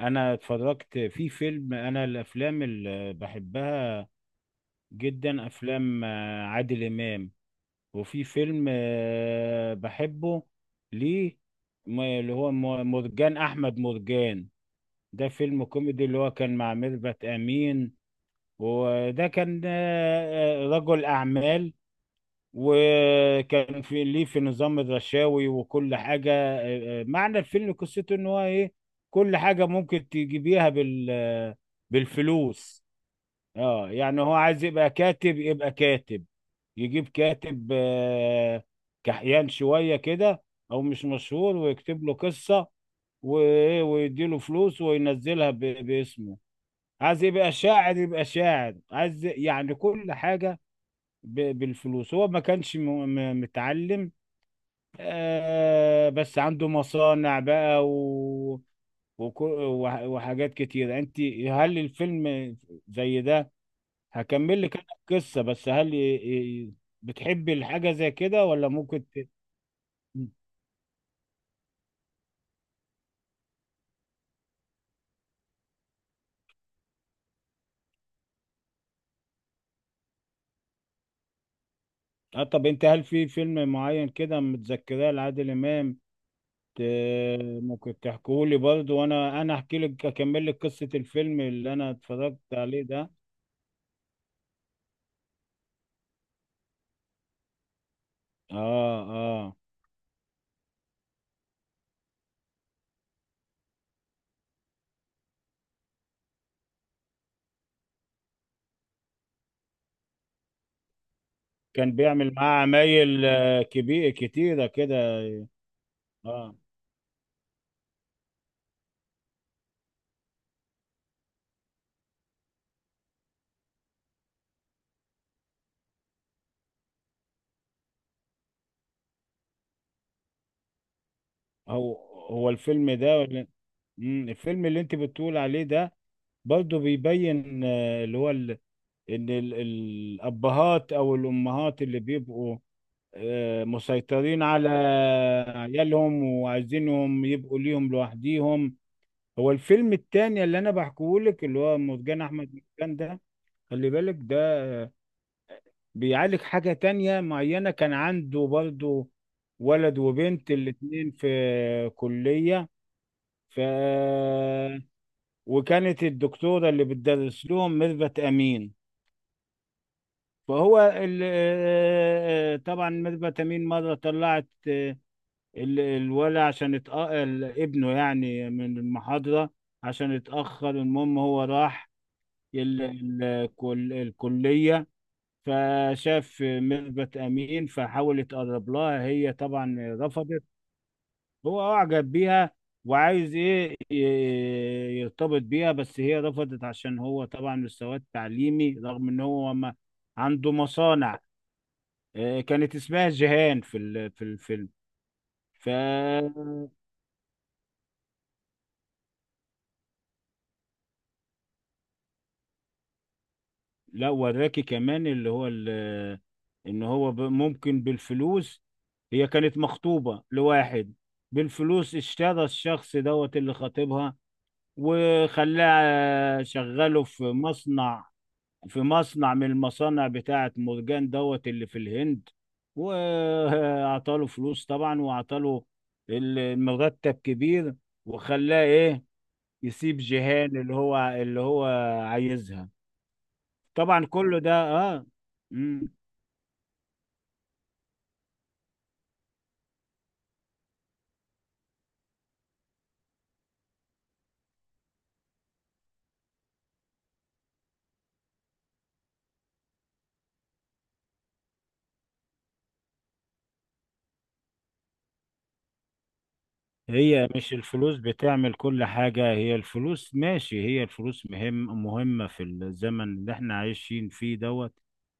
انا اتفرجت في فيلم، انا الافلام اللي بحبها جدا افلام عادل امام. وفي فيلم بحبه ليه، اللي هو مرجان احمد مرجان. ده فيلم كوميدي اللي هو كان مع ميرفت امين. وده كان رجل اعمال، وكان في ليه في نظام الرشاوي وكل حاجة. معنى الفيلم قصته ان هو ايه؟ كل حاجة ممكن تجيبيها بالفلوس. اه، يعني هو عايز يبقى كاتب، يبقى كاتب، يجيب كاتب كحيان شوية كده، او مش مشهور، ويكتب له قصة، ويديله فلوس وينزلها باسمه. عايز يبقى شاعر يبقى شاعر، عايز يعني كل حاجة بالفلوس. هو ما كانش متعلم، بس عنده مصانع بقى و... وحاجات كتيرة. انت، هل الفيلم زي ده؟ هكمل لك انا القصة، بس هل ي- بتحبي الحاجة زي كده ولا ممكن ت...؟ اه طب، انت هل في فيلم معين كده متذكراه لعادل امام؟ ت... ممكن تحكولي برضه، وانا احكي لك، اكمل لك قصة الفيلم اللي انا اتفرجت عليه ده. اه. آه. كان بيعمل معاه عمايل كبير كتيرة كده. اه. هو هو الفيلم ده ولا- الفيلم اللي انت بتقول عليه ده برضه بيبين اللي هو ال... ان ال... الابهات او الامهات اللي بيبقوا مسيطرين على عيالهم وعايزينهم يبقوا ليهم لوحديهم. هو الفيلم التاني اللي انا بحكيه لك، اللي هو مرجان احمد مرجان ده، خلي بالك، بيعالج حاجة تانية معينة. كان عنده برضو ولد وبنت، الاتنين في كلية. ف، وكانت الدكتورة اللي بتدرس لهم ميرفت أمين. فهو ال... طبعا ميرفت أمين مرة طلعت الولا عشان اتأقل ابنه يعني من المحاضرة، عشان اتأخر. المهم هو راح ال... ال... الكلية، فشاف ميرفت أمين فحاول يتقرب لها. هي طبعا رفضت. هو أعجب بيها وعايز إيه يرتبط بيها، بس هي رفضت عشان هو طبعا مستواه التعليمي، رغم إن هو ما عنده مصانع. كانت اسمها جيهان في في الفيلم. ف، لا وراكي كمان اللي هو إن هو ممكن بالفلوس. هي كانت مخطوبة لواحد، بالفلوس اشترى الشخص دوت اللي خاطبها، وخلاه شغله في مصنع، في مصنع من المصانع بتاعة مرجان دوت اللي في الهند. وأعطاله فلوس طبعا، وأعطاله المرتب كبير، وخلاه إيه؟ يسيب جيهان اللي هو عايزها. طبعا كله ده اه. مم. هي مش الفلوس بتعمل كل حاجة، هي الفلوس ماشي، هي الفلوس مهمة في الزمن اللي احنا عايشين فيه دوت.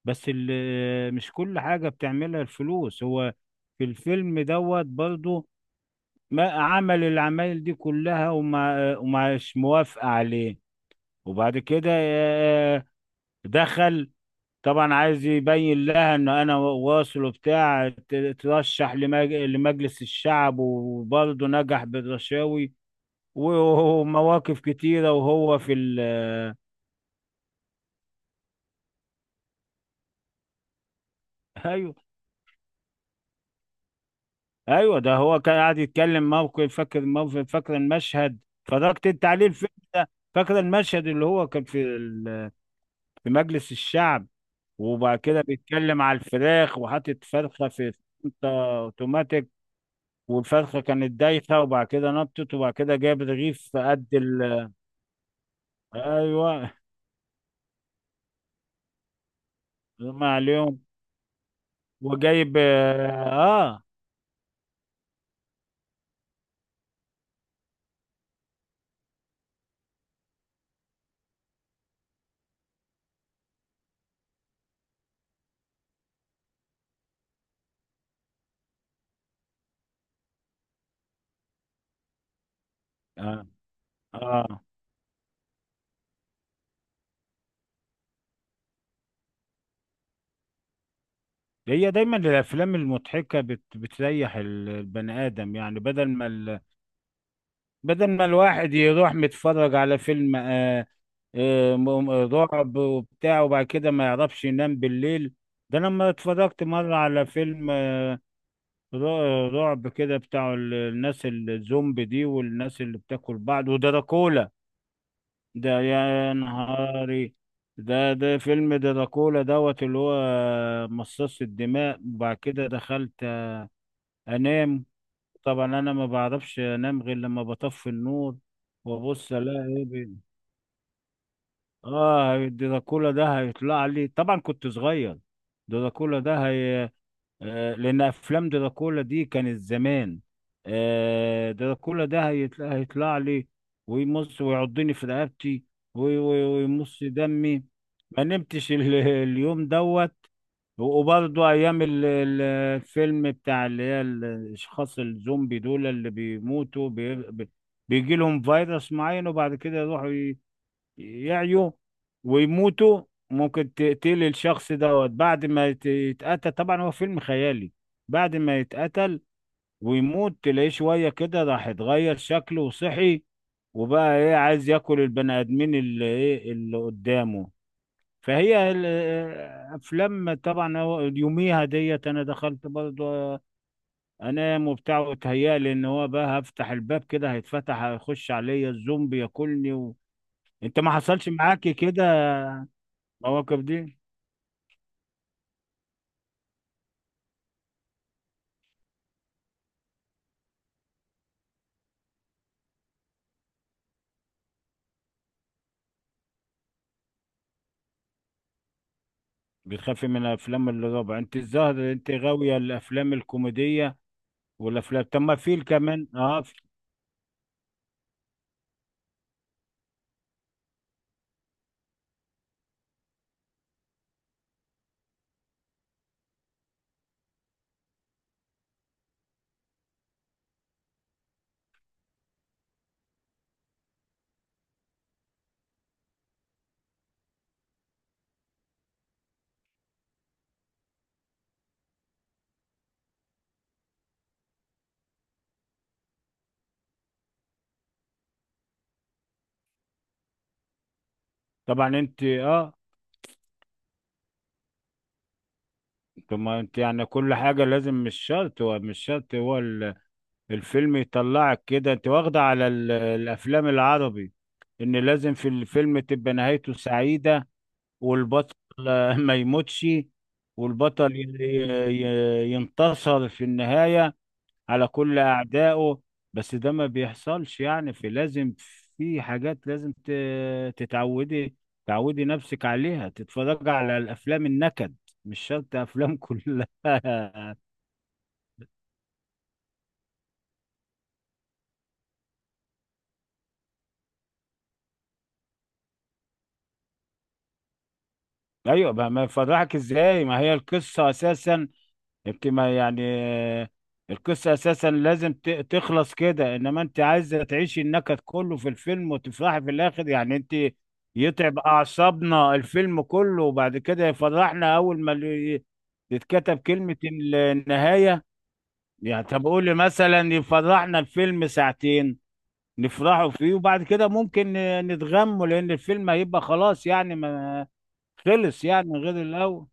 بس مش كل حاجة بتعملها الفلوس، هو في الفيلم دوت برضو ما عمل العمايل دي كلها، وما ومش موافقة عليه. وبعد كده دخل طبعا عايز يبين لها ان انا واصل وبتاع، ترشح لمجلس الشعب وبرضه نجح بالرشاوي ومواقف كتيرة، وهو في ال. ايوه، ايوه، ده هو كان قاعد يتكلم موقف، فاكر موقف، فاكر المشهد؟ اتفرجت انت عليه الفيلم ده؟ فاكر المشهد اللي هو كان في في مجلس الشعب، وبعد كده بيتكلم على الفراخ وحاطط فرخة في انت اوتوماتيك. والفرخة كانت دايخة، وبعد كده نطت، وبعد كده جاب رغيف قد ال ايوه، ما عليهم، وجايب اه. اه. آه. هي دايما الافلام المضحكه بتريح البني ادم، يعني بدل ما ال... بدل ما الواحد يروح متفرج على فيلم رعب وبتاع، وبعد كده ما يعرفش ينام بالليل. ده لما اتفرجت مره على فيلم رعب كده بتاع الناس الزومبي دي، والناس اللي بتاكل بعض ودراكولا. ده يا نهاري! ده فيلم دراكولا دوت اللي هو مصاص الدماء. وبعد كده دخلت انام. طبعا انا ما بعرفش انام غير لما بطفي النور، وابص الاقي ايه اه، الدراكولا ده هيطلع لي. طبعا كنت صغير. الدراكولا ده هي... لان افلام دراكولا دي كانت زمان. دراكولا ده هيطلع لي، ويمص ويعضني في رقبتي، ويمص دمي. ما نمتش اليوم دوت. وبرضه ايام الفيلم بتاع، اللي هي الاشخاص الزومبي دول اللي بيموتوا بيجي لهم فيروس معين، وبعد كده يروحوا يعيوا ويموتوا. ممكن تقتل الشخص دوت بعد ما يتقتل، طبعا هو فيلم خيالي. بعد ما يتقتل ويموت، تلاقيه شوية كده راح اتغير شكله وصحي، وبقى ايه عايز ياكل البني ادمين اللي ايه اللي قدامه. فهي افلام، طبعا هو يوميها ديت انا دخلت برضه انام وبتاع، وتهيألي ان هو بقى هفتح الباب كده هيتفتح، هيخش عليا الزومبي ياكلني و... انت ما حصلش معاكي كده المواقف دي؟ بتخافي من افلام الرعب انت؟ الظاهر انت غاويه الافلام الكوميديه والافلام. طب ما في كمان اه طبعا. انت اه. طب ما انت يعني كل حاجه لازم، مش شرط هو، مش شرط هو الفيلم يطلعك كده. انت واخده على الافلام العربي ان لازم في الفيلم تبقى نهايته سعيده، والبطل ما يموتش، والبطل ينتصر في النهايه على كل أعدائه. بس ده ما بيحصلش، يعني في لازم، في حاجات لازم تتعودي، تعودي نفسك عليها، تتفرج على الأفلام النكد، مش شرط أفلام كلها أيوة بقى، ما يفرحك إزاي ما هي القصة أساسا، يمكن ما يعني القصة أساسا لازم تخلص كده. إنما أنت عايزة تعيشي النكد كله في الفيلم وتفرحي في الآخر، يعني أنت يتعب أعصابنا الفيلم كله وبعد كده يفرحنا أول ما تتكتب كلمة النهاية؟ يعني طب قولي، مثلا يفرحنا الفيلم ساعتين نفرحوا فيه، وبعد كده ممكن نتغموا لأن الفيلم هيبقى خلاص يعني. ما خلص يعني غير الأول.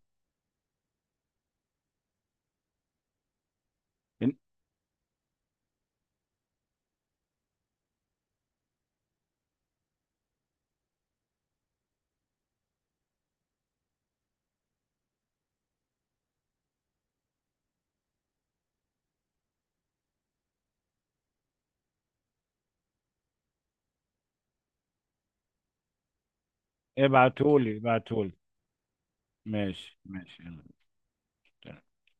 ابعتهولي، ابعتهولي. ماشي ماشي يلا.